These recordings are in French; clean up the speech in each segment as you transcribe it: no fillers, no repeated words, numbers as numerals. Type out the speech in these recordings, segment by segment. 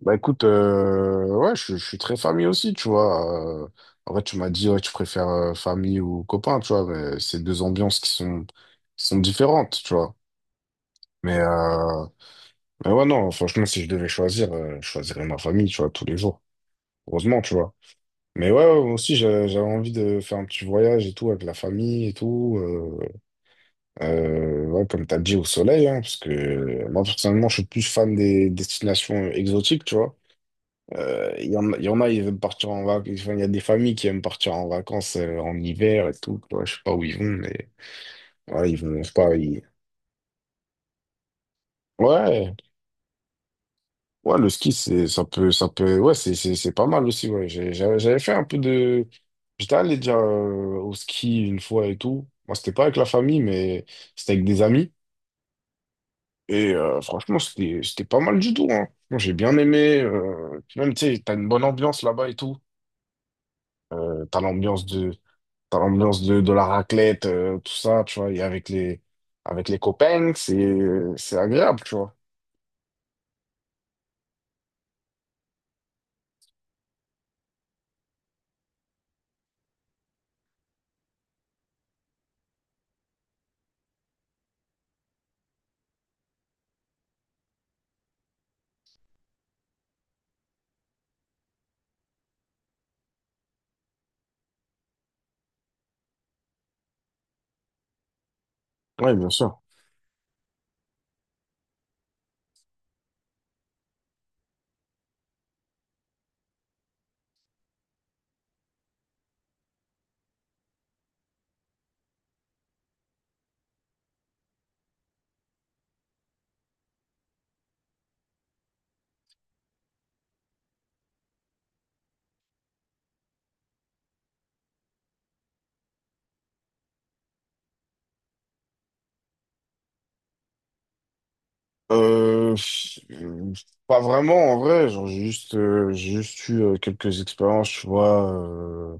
Bah écoute, ouais, je suis très famille aussi, tu vois. En vrai, tu m'as dit, ouais, tu préfères famille ou copain, tu vois, mais c'est deux ambiances qui sont différentes, tu vois. Mais, euh, mais ouais, non, franchement, si je devais choisir, je choisirais ma famille, tu vois, tous les jours. Heureusement, tu vois. Mais ouais, ouais, moi aussi, j'avais envie de faire un petit voyage et tout avec la famille et tout. Ouais, comme t'as dit, au soleil, hein, parce que moi, personnellement, je suis plus fan des destinations exotiques, tu vois. Il y en a, ils aiment partir en vacances. Enfin, il y a des familles qui aiment partir en vacances en hiver et tout. Tu vois, je sais pas où ils vont, mais ouais, ils vont, je sais pas. Ouais, ouais, le ski, ça peut, ouais, c'est pas mal aussi. Ouais, j'avais fait un peu de. J'étais allé déjà au ski une fois et tout. Moi, c'était pas avec la famille, mais c'était avec des amis. Et franchement, c'était pas mal du tout. Hein. Moi, j'ai bien aimé. Puis même, tu sais, t'as une bonne ambiance là-bas et tout. Euh, t'as l'ambiance de. T'as l'ambiance de la raclette, tout ça, tu vois, et avec avec les copains, c'est agréable, tu vois. Oui, bien sûr. Euh, euh, Pas vraiment, en vrai, genre, j'ai juste eu quelques expériences, tu vois,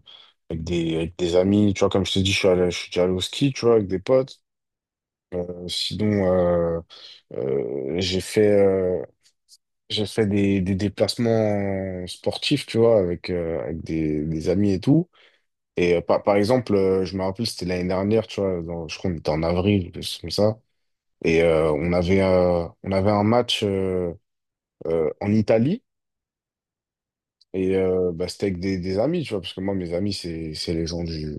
avec avec des amis, tu vois, comme je t'ai dit, je suis déjà allé au ski, tu vois, avec des potes. Euh, sinon, euh, euh, j'ai fait, euh, j'ai fait des déplacements sportifs, tu vois, avec, avec des amis et tout. Et par exemple, je me rappelle, c'était l'année dernière, tu vois, je crois qu'on était en avril, quelque chose comme ça. Et on avait un match en Italie. Et bah, c'était avec des amis, tu vois, parce que moi, mes amis, c'est les gens du,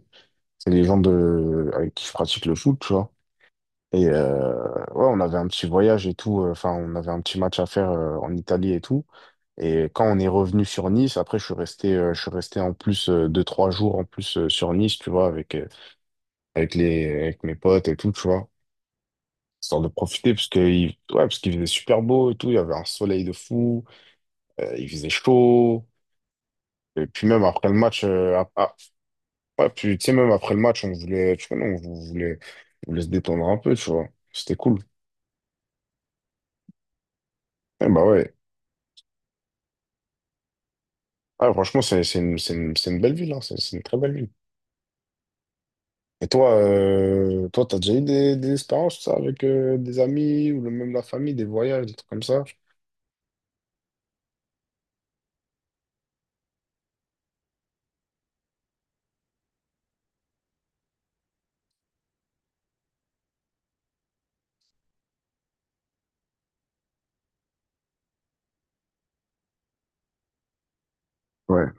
c'est les gens de, avec qui je pratique le foot, tu vois. Et ouais, on avait un petit voyage et tout. Enfin, on avait un petit match à faire en Italie et tout. Et quand on est revenu sur Nice, après, je suis resté en plus deux, trois jours en plus sur Nice, tu vois, avec, avec mes potes et tout, tu vois. Histoire de profiter, parce que il, ouais, parce qu'il faisait super beau et tout, il y avait un soleil de fou, il faisait chaud. Et puis même après le match, ouais, puis tu sais, même après le match, tu connais, on voulait se détendre un peu, tu vois. C'était cool. Et bah ouais. Ah, franchement, c'est une belle ville, hein. C'est une très belle ville. Et toi, toi, t'as déjà eu des expériences, ça, avec des amis ou même la famille, des voyages, des trucs comme ça? Ouais.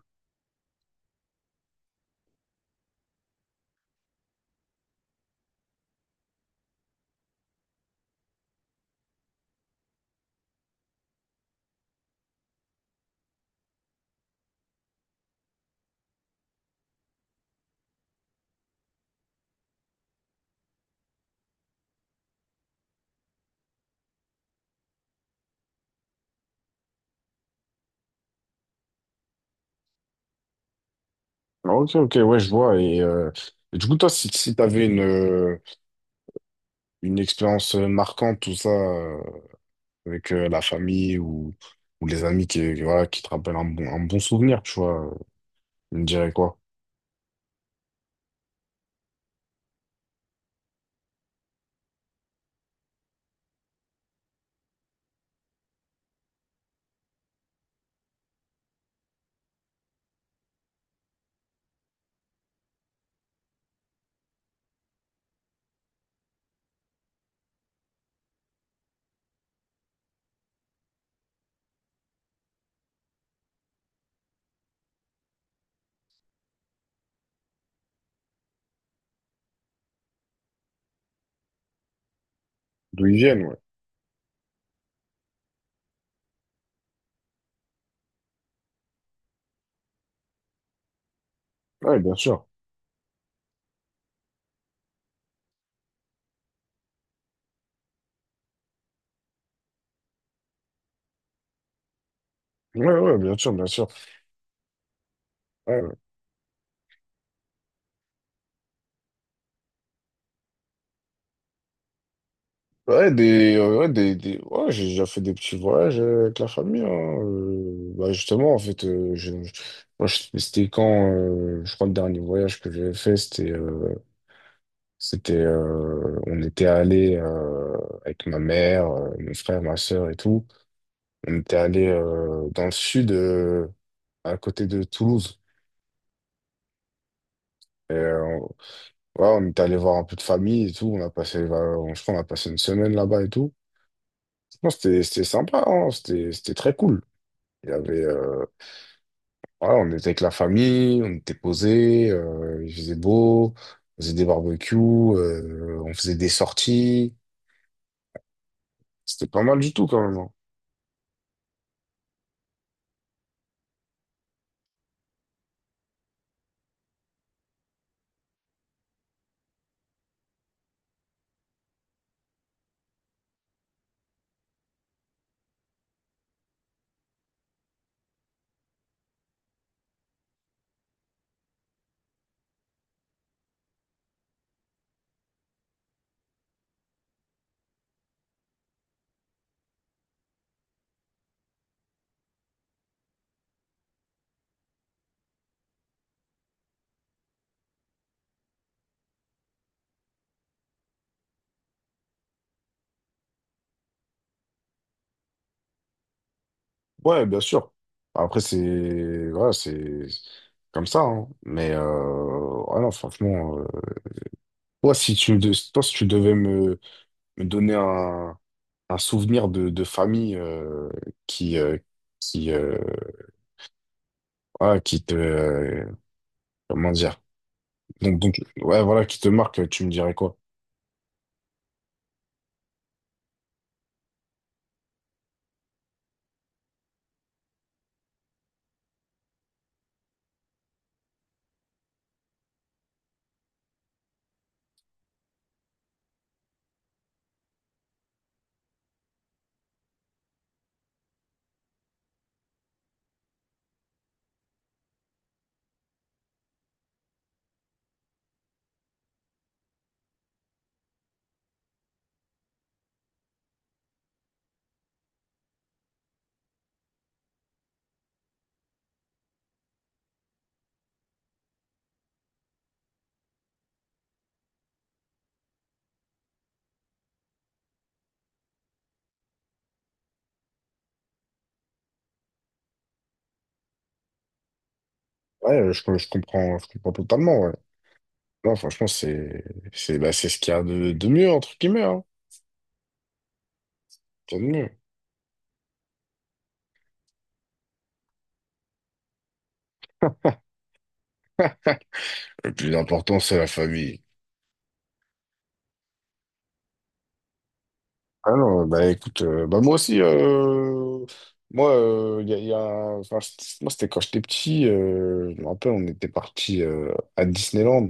Ah, ok, ok, ouais, je vois. Et du coup, toi, si tu avais une expérience marquante, tout ça, avec la famille ou les amis voilà, qui te rappellent un bon souvenir, tu vois, tu me dirais quoi? D'où ils viennent, ouais. Ouais, bien sûr. Ouais, ouais, bien sûr, bien sûr. Ouais, ouais, des- ouais, j'ai déjà fait des petits voyages avec la famille, hein. Justement, en fait, c'était quand, je crois, le dernier voyage que j'avais fait, c'était. C'était, on était allé avec ma mère, mon frère, ma sœur et tout. On était allé dans le sud, à côté de Toulouse. Et, ouais, on était allé voir un peu de famille et tout. On a passé, on- Je crois, on a passé une semaine là-bas et tout. Non, c'était sympa, hein. C'était très cool. Il y avait, ouais, on était avec la famille, on était posés, il faisait beau, on faisait des barbecues, on faisait des sorties. C'était pas mal du tout quand même, hein. Ouais, bien sûr. Après, c'est voilà, c'est comme ça, hein. Mais voilà, franchement, toi, si tu me de- toi, si tu devais me, me donner un souvenir de famille qui euh, qui voilà, qui te comment dire, ouais voilà qui te marque, tu me dirais quoi? Ouais, je comprends totalement. Ouais. Non, franchement, c'est bah, c'est ce qu'il y a de mieux entre guillemets, hein. C'est de mieux. Le plus important, c'est la famille. Ah non, bah écoute, bah moi aussi, moi, il y a, il y a moi c'était quand j'étais petit, je me rappelle, on était parti à Disneyland,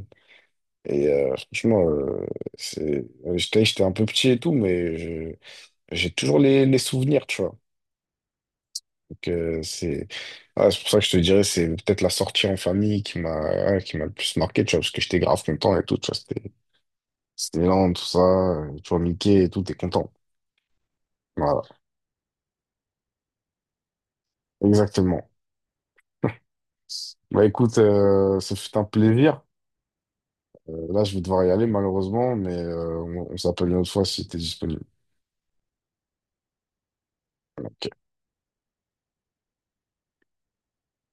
et j'étais un peu petit et tout, mais j'ai toujours les souvenirs, tu vois. Donc, c'est ouais, c'est pour ça que je te dirais, c'est peut-être la sortie en famille qui m'a, ouais, qui m'a le plus marqué, tu vois, parce que j'étais grave content et tout, tu vois, c'était Disneyland tout ça, tu vois, Mickey et tout, t'es content. Voilà, exactement. Bah écoute, ce fut un plaisir. Là, je vais devoir y aller malheureusement, mais on s'appelle une autre fois si t'es disponible. Ok.